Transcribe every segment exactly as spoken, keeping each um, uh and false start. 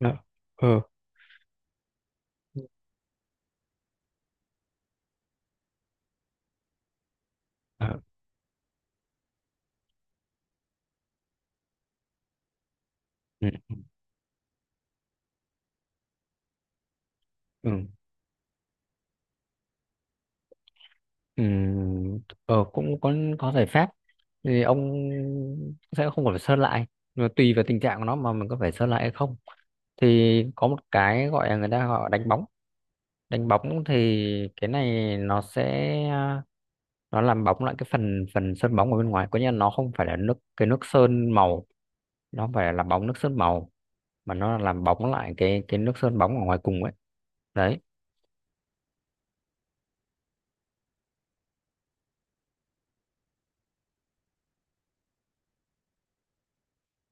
Dạ. Ờ. À, ừ. Ừ. Ừ. Ờ, cũng có có giải pháp, thì ông sẽ không phải sơn lại mà tùy vào tình trạng của nó mà mình có phải sơn lại hay không. Thì có một cái gọi là, người ta gọi đánh bóng. Đánh bóng thì cái này nó sẽ, nó làm bóng lại cái phần phần sơn bóng ở bên ngoài, có nghĩa là nó không phải là nước, cái nước sơn màu, nó không phải là làm bóng nước sơn màu mà nó là làm bóng lại cái cái nước sơn bóng ở ngoài cùng ấy, đấy.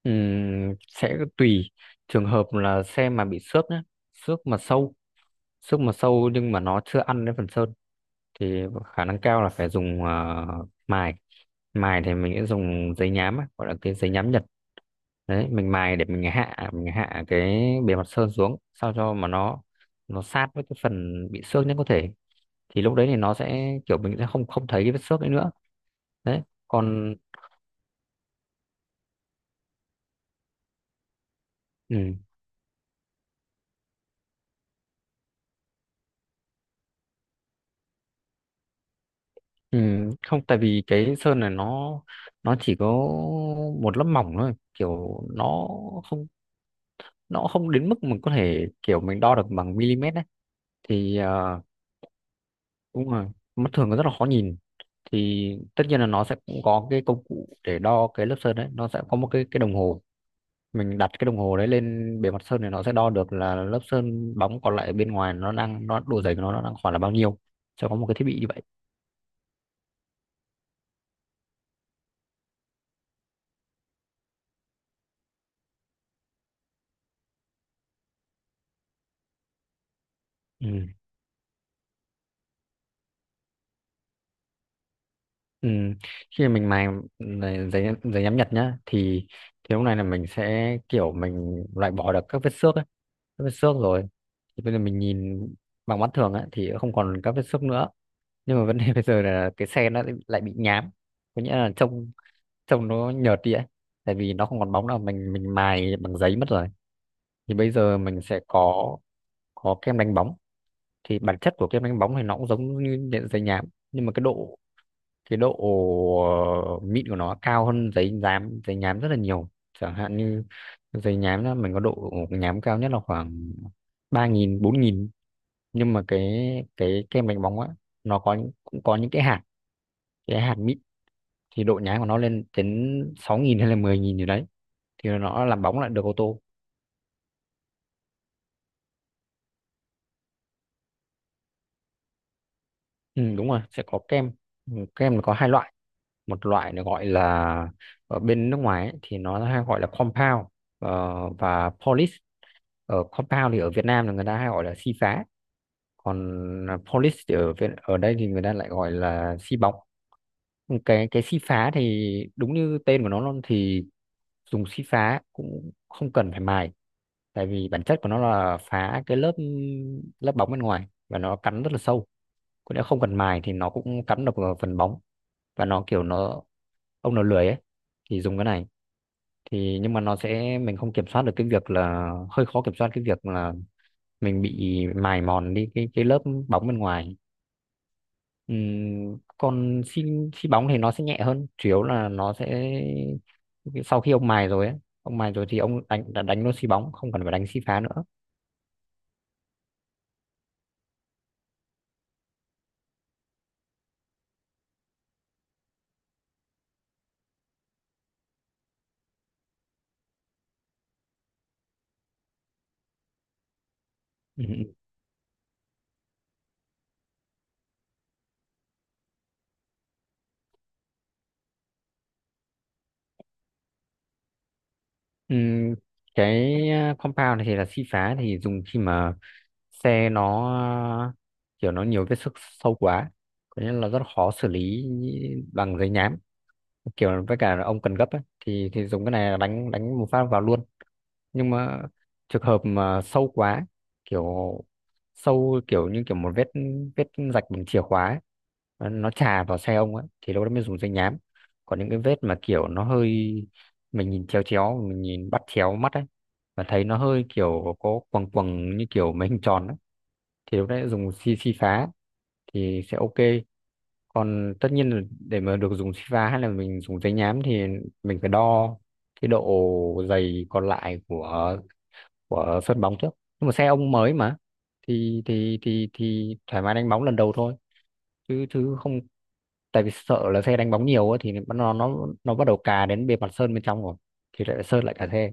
Ừm, sẽ tùy trường hợp là xe mà bị xước nhé, xước mà sâu, xước mà sâu nhưng mà nó chưa ăn đến phần sơn thì khả năng cao là phải dùng ờ, mài. Mài thì mình sẽ dùng giấy nhám á, gọi là cái giấy nhám Nhật đấy. Mình mài để mình hạ mình hạ cái bề mặt sơn xuống sao cho mà nó nó sát với cái phần bị xước nhất có thể. Thì lúc đấy thì nó sẽ kiểu, mình sẽ không không thấy cái vết xước ấy nữa, đấy. Còn ừ. Ừ, không, tại vì cái sơn này nó nó chỉ có một lớp mỏng thôi, kiểu nó không nó không đến mức mình có thể kiểu mình đo được bằng mm ấy. Thì ờ, đúng rồi, mắt thường nó rất là khó nhìn. Thì tất nhiên là nó sẽ cũng có cái công cụ để đo cái lớp sơn đấy, nó sẽ có một cái cái đồng hồ. Mình đặt cái đồng hồ đấy lên bề mặt sơn thì nó sẽ đo được là lớp sơn bóng còn lại bên ngoài, nó đang, nó độ dày của nó, nó đang khoảng là bao nhiêu. Sẽ có một cái thiết bị như vậy. Ừ. Ừ. Khi mình mài này, giấy giấy nhám Nhật nhá thì thì lúc này là mình sẽ kiểu mình loại bỏ được các vết xước ấy, các vết xước rồi. Thì bây giờ mình nhìn bằng mắt thường ấy, thì không còn các vết xước nữa, nhưng mà vấn đề bây giờ là cái xe nó lại bị nhám, có nghĩa là trông trông nó nhợt đi ấy, tại vì nó không còn bóng nào, mình mình mài bằng giấy mất rồi. Thì bây giờ mình sẽ có có kem đánh bóng. Thì bản chất của kem đánh bóng thì nó cũng giống như giấy nhám, nhưng mà cái độ cái độ ờ, mịn của nó cao hơn giấy nhám, giấy nhám rất là nhiều. Chẳng hạn như giấy nhám đó, mình có độ nhám cao nhất là khoảng ba nghìn bốn nghìn. Nhưng mà cái cái kem đánh bóng á, nó có những- cũng có những cái hạt cái hạt mịn, thì độ nhám của nó lên đến sáu nghìn hay là mười nghìn gì đấy. Thì nó làm bóng lại được ô tô. Ừ, đúng rồi, sẽ có kem. Ừ, kem nó có hai loại. Một loại nó gọi là, ở bên nước ngoài ấy, thì nó hay gọi là compound, ờ, và polish. Ở compound thì ở Việt Nam là người ta hay gọi là xi phá, còn polish thì ở Việt, ở đây thì người ta lại gọi là xi bóng. Cái cái xi phá thì đúng như tên của nó luôn, thì dùng xi phá cũng không cần phải mài, tại vì bản chất của nó là phá cái lớp lớp bóng bên ngoài và nó cắn rất là sâu. Còn nếu không cần mài thì nó cũng cắn được vào phần bóng, và nó kiểu nó, ông nào lười ấy thì dùng cái này. Thì nhưng mà nó sẽ, mình không kiểm soát được cái việc là, hơi khó kiểm soát cái việc là mình bị mài mòn đi cái cái lớp bóng bên ngoài. Ừm, còn xi xi bóng thì nó sẽ nhẹ hơn, chủ yếu là nó sẽ sau khi ông mài rồi ấy, ông mài rồi thì ông đánh đã đánh luôn xi bóng, không cần phải đánh xi phá nữa. Ừm, ừm, cái uh, compound thì là xi phá, thì dùng khi mà xe nó ờ, kiểu nó nhiều vết xước sâu quá, có nghĩa là rất khó xử lý bằng giấy nhám, kiểu với cả là ông cần gấp ấy, thì thì dùng cái này là đánh đánh một phát vào luôn. Nhưng mà trường hợp mà sâu quá, kiểu sâu kiểu như kiểu một vết, vết rạch bằng chìa khóa ấy, nó nó chà vào xe ông ấy thì lúc đó mới dùng giấy nhám. Còn những cái vết mà kiểu nó hơi, mình nhìn chéo chéo, mình nhìn bắt chéo mắt ấy và thấy nó hơi kiểu có quầng quầng như kiểu mấy hình tròn ấy, thì lúc đấy dùng si si phá thì sẽ ok. Còn tất nhiên là để mà được dùng si phá hay là mình dùng giấy nhám thì mình phải đo cái độ dày còn lại của của sân bóng trước. Nhưng mà xe ông mới mà thì thì thì thì thoải mái đánh bóng lần đầu thôi, chứ chứ không, tại vì sợ là xe đánh bóng nhiều á thì nó, nó nó bắt đầu cà đến bề mặt sơn bên trong rồi thì lại sơn lại cả xe.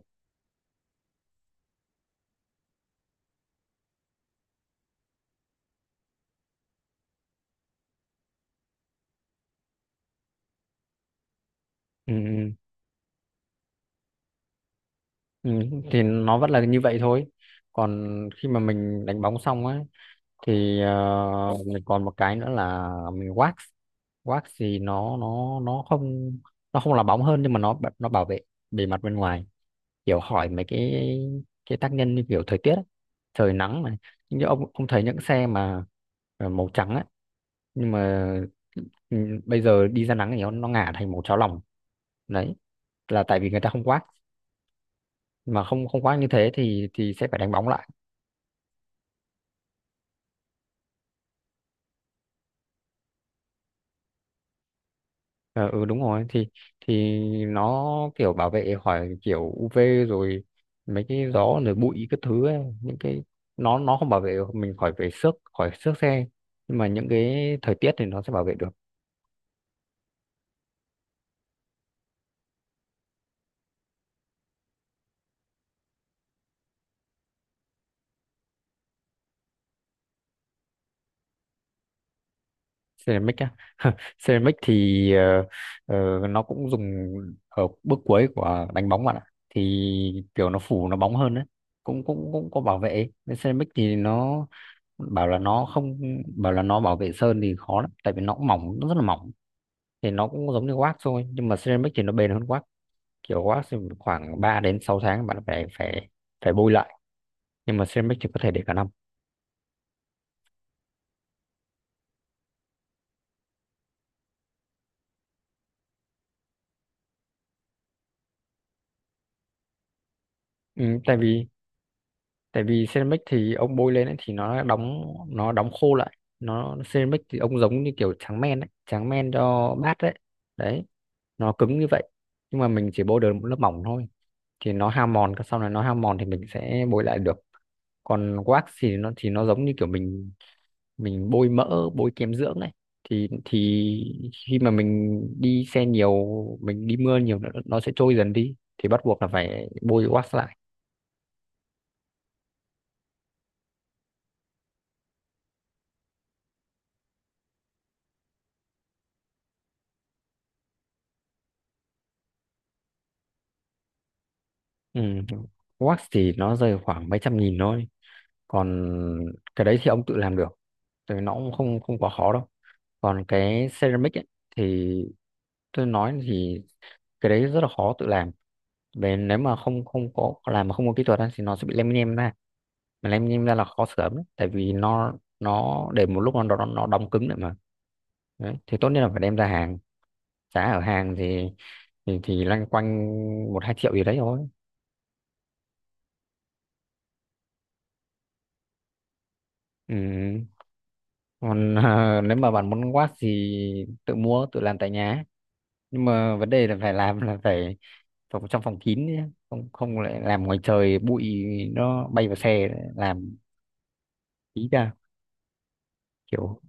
Ừ, ừ, ừ, thì nó vẫn là như vậy thôi. Còn khi mà mình đánh bóng xong á thì ờ, mình còn một cái nữa là mình wax. Wax thì nó nó nó không, nó không là bóng hơn nhưng mà nó bả- nó bảo vệ bề mặt bên ngoài, kiểu hỏi mấy cái cái tác nhân như kiểu thời tiết ấy. Trời nắng này, như ông ông thấy những xe mà ờ, màu trắng ấy, nhưng mà ừ, bây giờ đi ra nắng thì nó nó ngả thành màu cháo lòng. Đấy là tại vì người ta không wax, mà không không wax như thế thì thì sẽ phải đánh bóng lại. Ờ, ừ, đúng rồi thì thì nó kiểu bảo vệ khỏi kiểu U UV, rồi mấy cái gió, rồi bụi các thứ ấy. Những cái nó nó không bảo vệ mình khỏi về xước, khỏi xước xe, nhưng mà những cái thời tiết thì nó sẽ bảo vệ được. Ceramic á, ceramic thì ờ, ờ, nó cũng dùng ở bước cuối của đánh bóng bạn ạ. Thì kiểu nó phủ, nó bóng hơn đấy, cũng cũng cũng có bảo vệ. Nên ceramic thì nó bảo là nó không, bảo là nó bảo vệ sơn thì khó lắm tại vì nó cũng mỏng, nó rất là mỏng. Thì nó cũng giống như wax thôi nhưng mà ceramic thì nó bền hơn wax. Kiểu wax thì khoảng ba đến sáu tháng bạn phải, phải phải bôi lại, nhưng mà ceramic thì có thể để cả năm. Ừ, tại vì tại vì ceramic thì ông bôi lên ấy, thì nó đóng, nó đóng khô lại. Nó ceramic thì ông giống như kiểu tráng men ấy, tráng men cho bát đấy. Đấy, nó cứng như vậy, nhưng mà mình chỉ bôi được một lớp mỏng thôi. Thì nó hao mòn, sau này nó hao mòn thì mình sẽ bôi lại được. Còn wax thì nó thì nó giống như kiểu mình mình bôi mỡ, bôi kem dưỡng này, thì thì khi mà mình đi xe nhiều, mình đi mưa nhiều nó, nó sẽ trôi dần đi, thì bắt buộc là phải bôi wax lại. Ừ. Wax thì nó rơi khoảng mấy trăm nghìn thôi, còn cái đấy thì ông tự làm được, thì nó cũng không không quá khó đâu. Còn cái ceramic ấy, thì tôi nói thì cái đấy rất là khó tự làm. Về nếu mà không không có làm mà không có kỹ thuật á, thì nó sẽ bị lem nhem ra, mà làm em ra là khó sửa lắm đấy. Tại vì nó nó để một lúc nó nó, nó đóng cứng lại mà, đấy. Thì tốt nhất là phải đem ra hàng. Giá ở hàng thì, thì, thì loanh quanh một hai triệu gì đấy thôi. Ừ. Còn ờ, nếu mà bạn muốn watt thì tự mua tự làm tại nhà, nhưng mà vấn đề là phải làm là phải phòng, trong phòng kín nhé. Không không lại làm ngoài trời, bụi nó bay vào xe làm. Ý ra kiểu,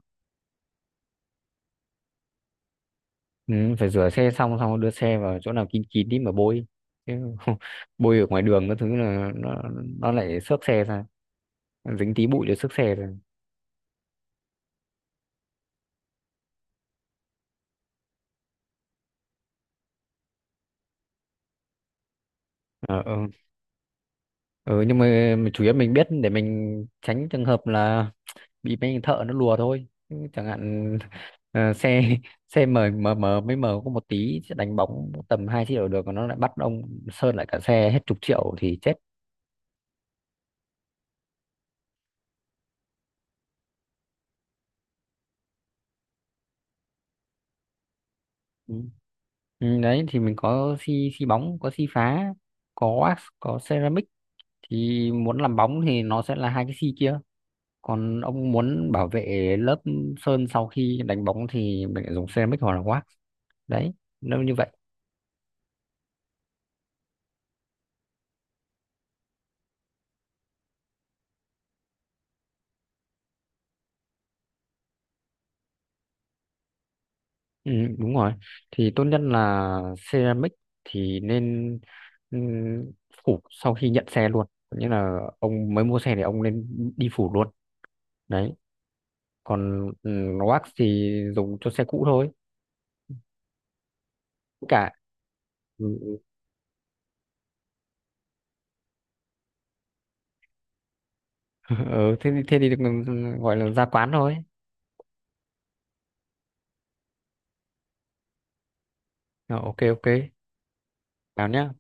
ừ, phải rửa xe xong, xong đưa xe vào chỗ nào kín kín đi mà bôi, chứ bôi ở ngoài đường cái thứ là nó nó lại xước xe ra, dính tí bụi để xước xe ra. Ờ, ờ. Ừ, nhưng mà, mà chủ yếu mình biết để mình tránh trường hợp là bị mấy thợ nó lùa thôi. Chứ chẳng hạn ờ, xe xe mờ mờ mờ mới mờ có một tí, chứ đánh bóng tầm hai chiếc đầu được, còn nó lại bắt ông sơn lại cả xe hết chục triệu thì chết. Ừ. Ừ, đấy thì mình có xi xi bóng, có xi phá, có wax, có ceramic. Thì muốn làm bóng thì nó sẽ là hai cái xi kia. Còn ông muốn bảo vệ lớp sơn sau khi đánh bóng thì mình lại dùng ceramic hoặc là wax, đấy, nếu như vậy. Ừ, đúng rồi, thì tốt nhất là ceramic thì nên ừm, phủ sau khi nhận xe luôn, nghĩa là ông mới mua xe thì ông nên đi phủ luôn, đấy. Còn ừm, wax thì dùng cho xe cũ thôi. Cả ừ, ừ. Ờ, thế thì, thế thì được, ừ, ừ, gọi là ra quán thôi. Ờ, ok, ok. Chào nhá.